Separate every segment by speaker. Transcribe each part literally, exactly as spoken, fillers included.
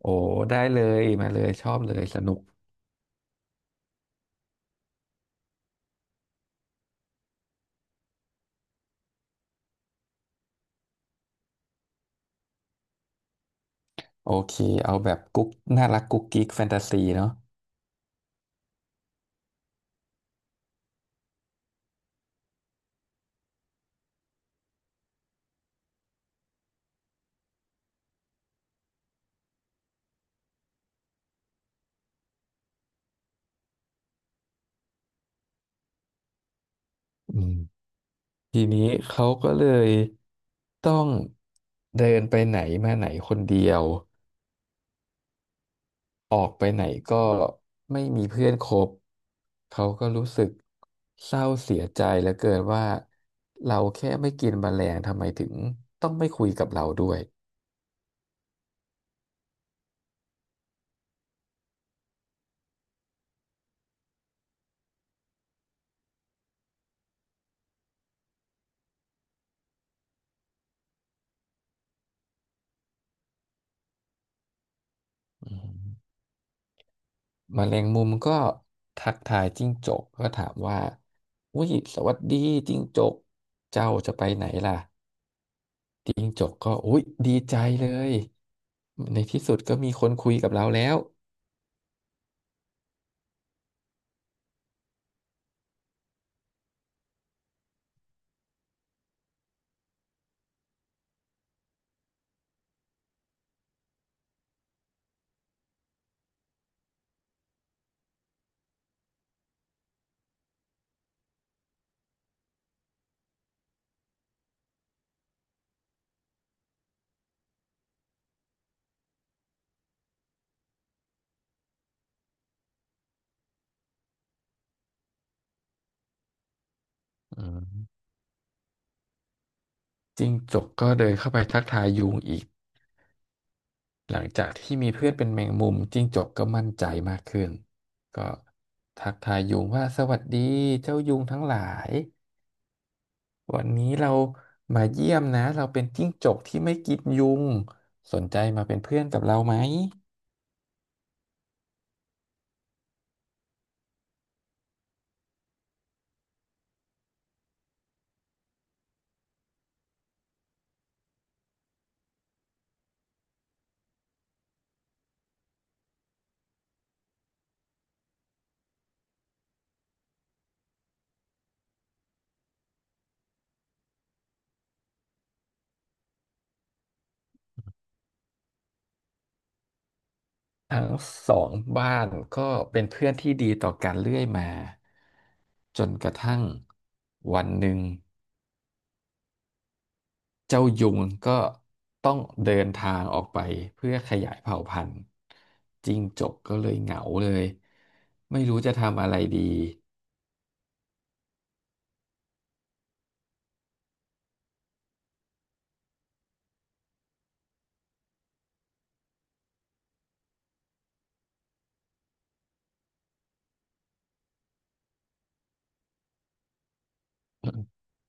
Speaker 1: โอ้ได้เลยมาเลยชอบเลยสนุกโอเคเอาแบบกุ๊กน่ารักกุ๊กกิ๊กแฟนตาซีเนาะอืมทีนี้เขาก็เลยต้องเดินไปไหนมาไหนคนเดียวออกไปไหนก็ไม่มีเพื่อนคบเขาก็รู้สึกเศร้าเสียใจเหลือเกินว่าเราแค่ไม่กินแมลงทำไมถึงต้องไม่คุยกับเราด้วยอืม แมลงมุมก็ทักทายจิ้งจกก็ถามว่าอุ้ยสวัสดีจิ้งจกเจ้าจะไปไหนล่ะจิ้งจกก็อุ้ยดีใจเลยในที่สุดก็มีคนคุยกับเราแล้วอืมจิ้งจกก็เดินเข้าไปทักทายยุงอีก หลังจากที่มีเพื่อนเป็นแมงมุมจิ้งจกก็มั่นใจมากขึ้น ก็ทักทายยุงว่าสวัสดีเจ้ายุงทั้งหลาย วันนี้เรามาเยี่ยมนะเราเป็นจิ้งจกที่ไม่กินยุงสนใจมาเป็นเพื่อนกับเราไหมทั้งสองบ้านก็เป็นเพื่อนที่ดีต่อกันเรื่อยมาจนกระทั่งวันหนึ่งเจ้ายุงก็ต้องเดินทางออกไปเพื่อขยายเผ่าพันธุ์จิ้งจกก็เลยเหงาเลยไม่รู้จะทำอะไรดี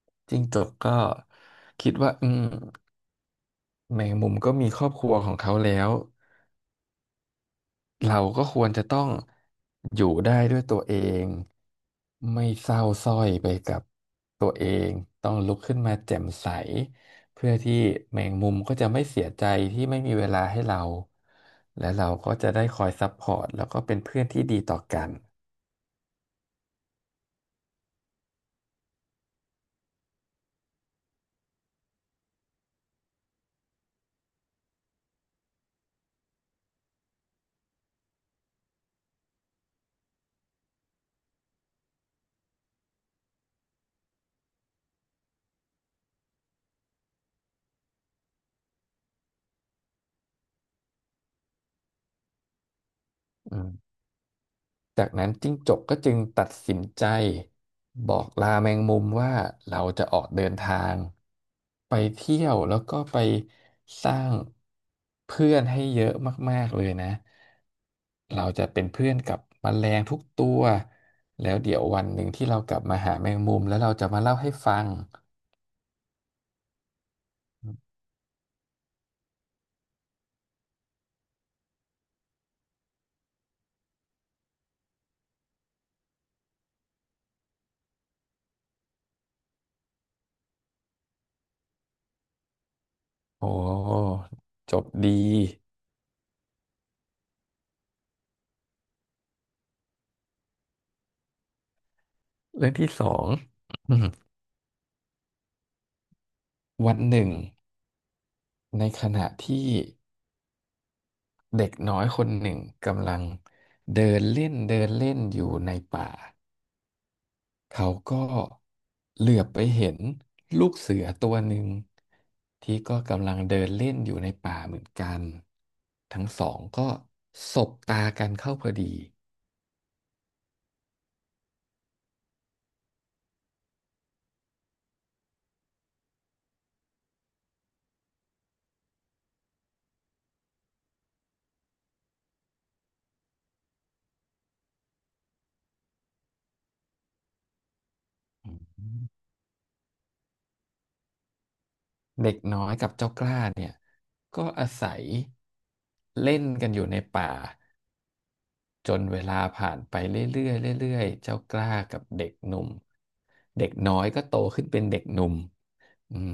Speaker 1: จิ้งจกก็คิดว่าอืมแมงมุมก็มีครอบครัวของเขาแล้ว เราก็ควรจะต้องอยู่ได้ด้วยตัวเองไม่เศร้าสร้อยไปกับตัวเองต้องลุกขึ้นมาแจ่มใสเพื่อที่แมงมุมก็จะไม่เสียใจที่ไม่มีเวลาให้เราและเราก็จะได้คอยซัพพอร์ตแล้วก็เป็นเพื่อนที่ดีต่อกันอืม จากนั้นจิ้งจกก็จึงตัดสินใจบอกลาแมงมุมว่าเราจะออกเดินทางไปเที่ยวแล้วก็ไปสร้างเพื่อนให้เยอะมากๆเลยนะเราจะเป็นเพื่อนกับแมลงทุกตัวแล้วเดี๋ยววันหนึ่งที่เรากลับมาหาแมงมุมแล้วเราจะมาเล่าให้ฟังโอ้จบดีเรื่องที่สอง วันหนึ่งในขณะที่ เด็กน้อยคนหนึ่งกำลังเดินเล่นเดินเล่นอยู่ในป่า เขาก็เหลือบไปเห็นลูกเสือตัวหนึ่งที่ก็กำลังเดินเล่นอยู่ในป่าเหมือนกัน ทั้งสองก็สบตากันเข้าพอดีอืมเด็กน้อยกับเจ้ากล้าเนี่ยก็อาศัยเล่นกันอยู่ในป่า จนเวลาผ่านไปเรื่อยๆเรื่อยๆเจ้ากล้ากับเด็กหนุ่ม เด็กน้อยก็โตขึ้นเป็นเด็กหนุ่มอืม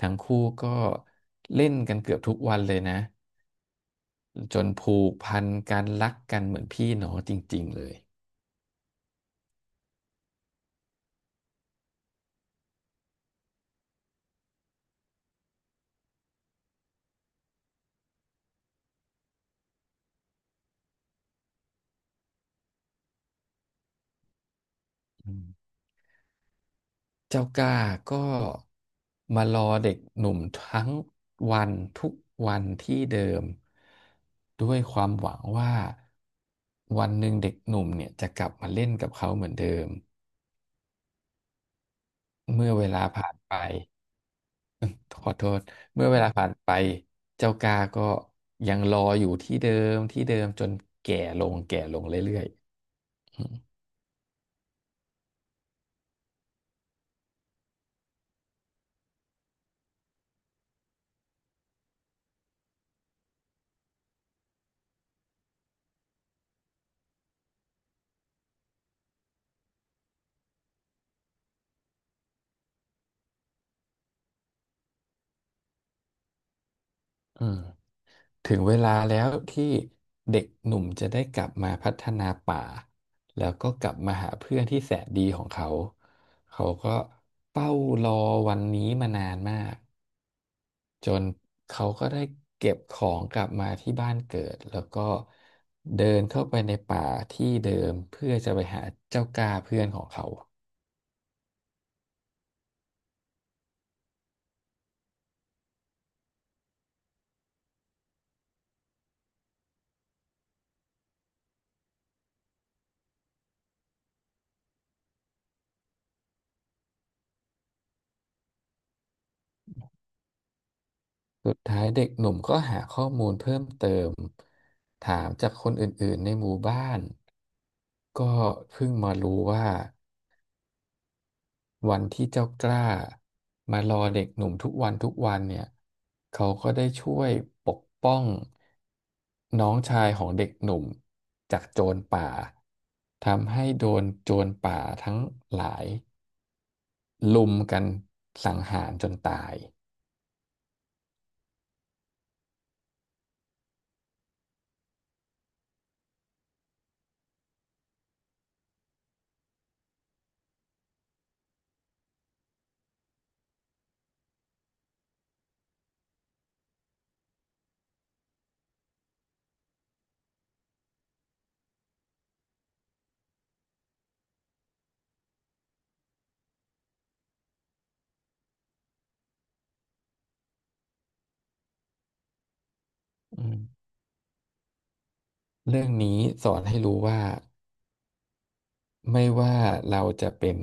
Speaker 1: ทั้งคู่ก็เล่นกันเกือบทุกวันเลยนะ จนผูกพันกันรักกันเหมือนพี่น้องจริงๆ เลยอืมเจ้ากล้าก็มารอเด็กหนุ่มทั้งวันทุกวันที่เดิมด้วยความหวังว่าวันหนึ่งเด็กหนุ่มเนี่ยจะกลับมาเล่นกับเขาเหมือนเดิม เมื่อเวลาผ่านไปขอโทษเมื่อเวลาผ่านไปเจ้ากาก็ยังรออยู่ที่เดิมที่เดิมจนแก่ลงแก่ลงเรื่อยๆอืมอืมถึงเวลาแล้วที่เด็กหนุ่มจะได้กลับมาพัฒนาป่าแล้วก็กลับมาหาเพื่อนที่แสนดีของเขาเขาก็เฝ้ารอวันนี้มานานมาก จนเขาก็ได้เก็บของกลับมาที่บ้านเกิดแล้วก็เดินเข้าไปในป่าที่เดิมเพื่อจะไปหาเจ้ากาเพื่อนของเขาสุดท้ายเด็กหนุ่มก็หาข้อมูลเพิ่มเติมถามจากคนอื่นๆในหมู่บ้านก็เพิ่งมารู้ว่า วันที่เจ้ากล้ามารอเด็กหนุ่มทุกวันทุกวันเนี่ยเขาก็ได้ช่วยปกป้องน้องชายของเด็กหนุ่มจากโจรป่าทำให้โดนโจรป่าทั้งหลายลุมกันสังหารจนตายอืมเรื่องนี้สอนให้รู้ว่า ไม่ว่าเราจะเป็น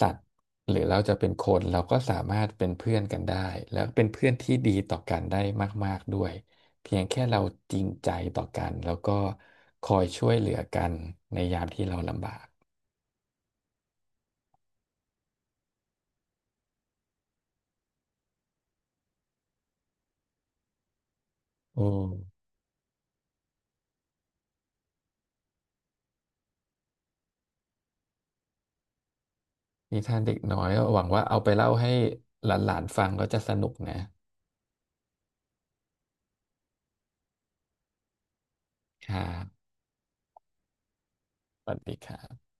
Speaker 1: สัตว์หรือเราจะเป็นคนเราก็สามารถเป็นเพื่อนกันได้แล้วเป็นเพื่อนที่ดีต่อกันได้มากๆด้วยเพียงแค่เราจริงใจต่อกันแล้วก็คอยช่วยเหลือกันในยามที่เราลำบากโอ้นิทานเด็กน้อยก็หวังว่าเอาไปเล่าให้หลานๆฟังแล้จะสนุกนะครับสวัสดีครับ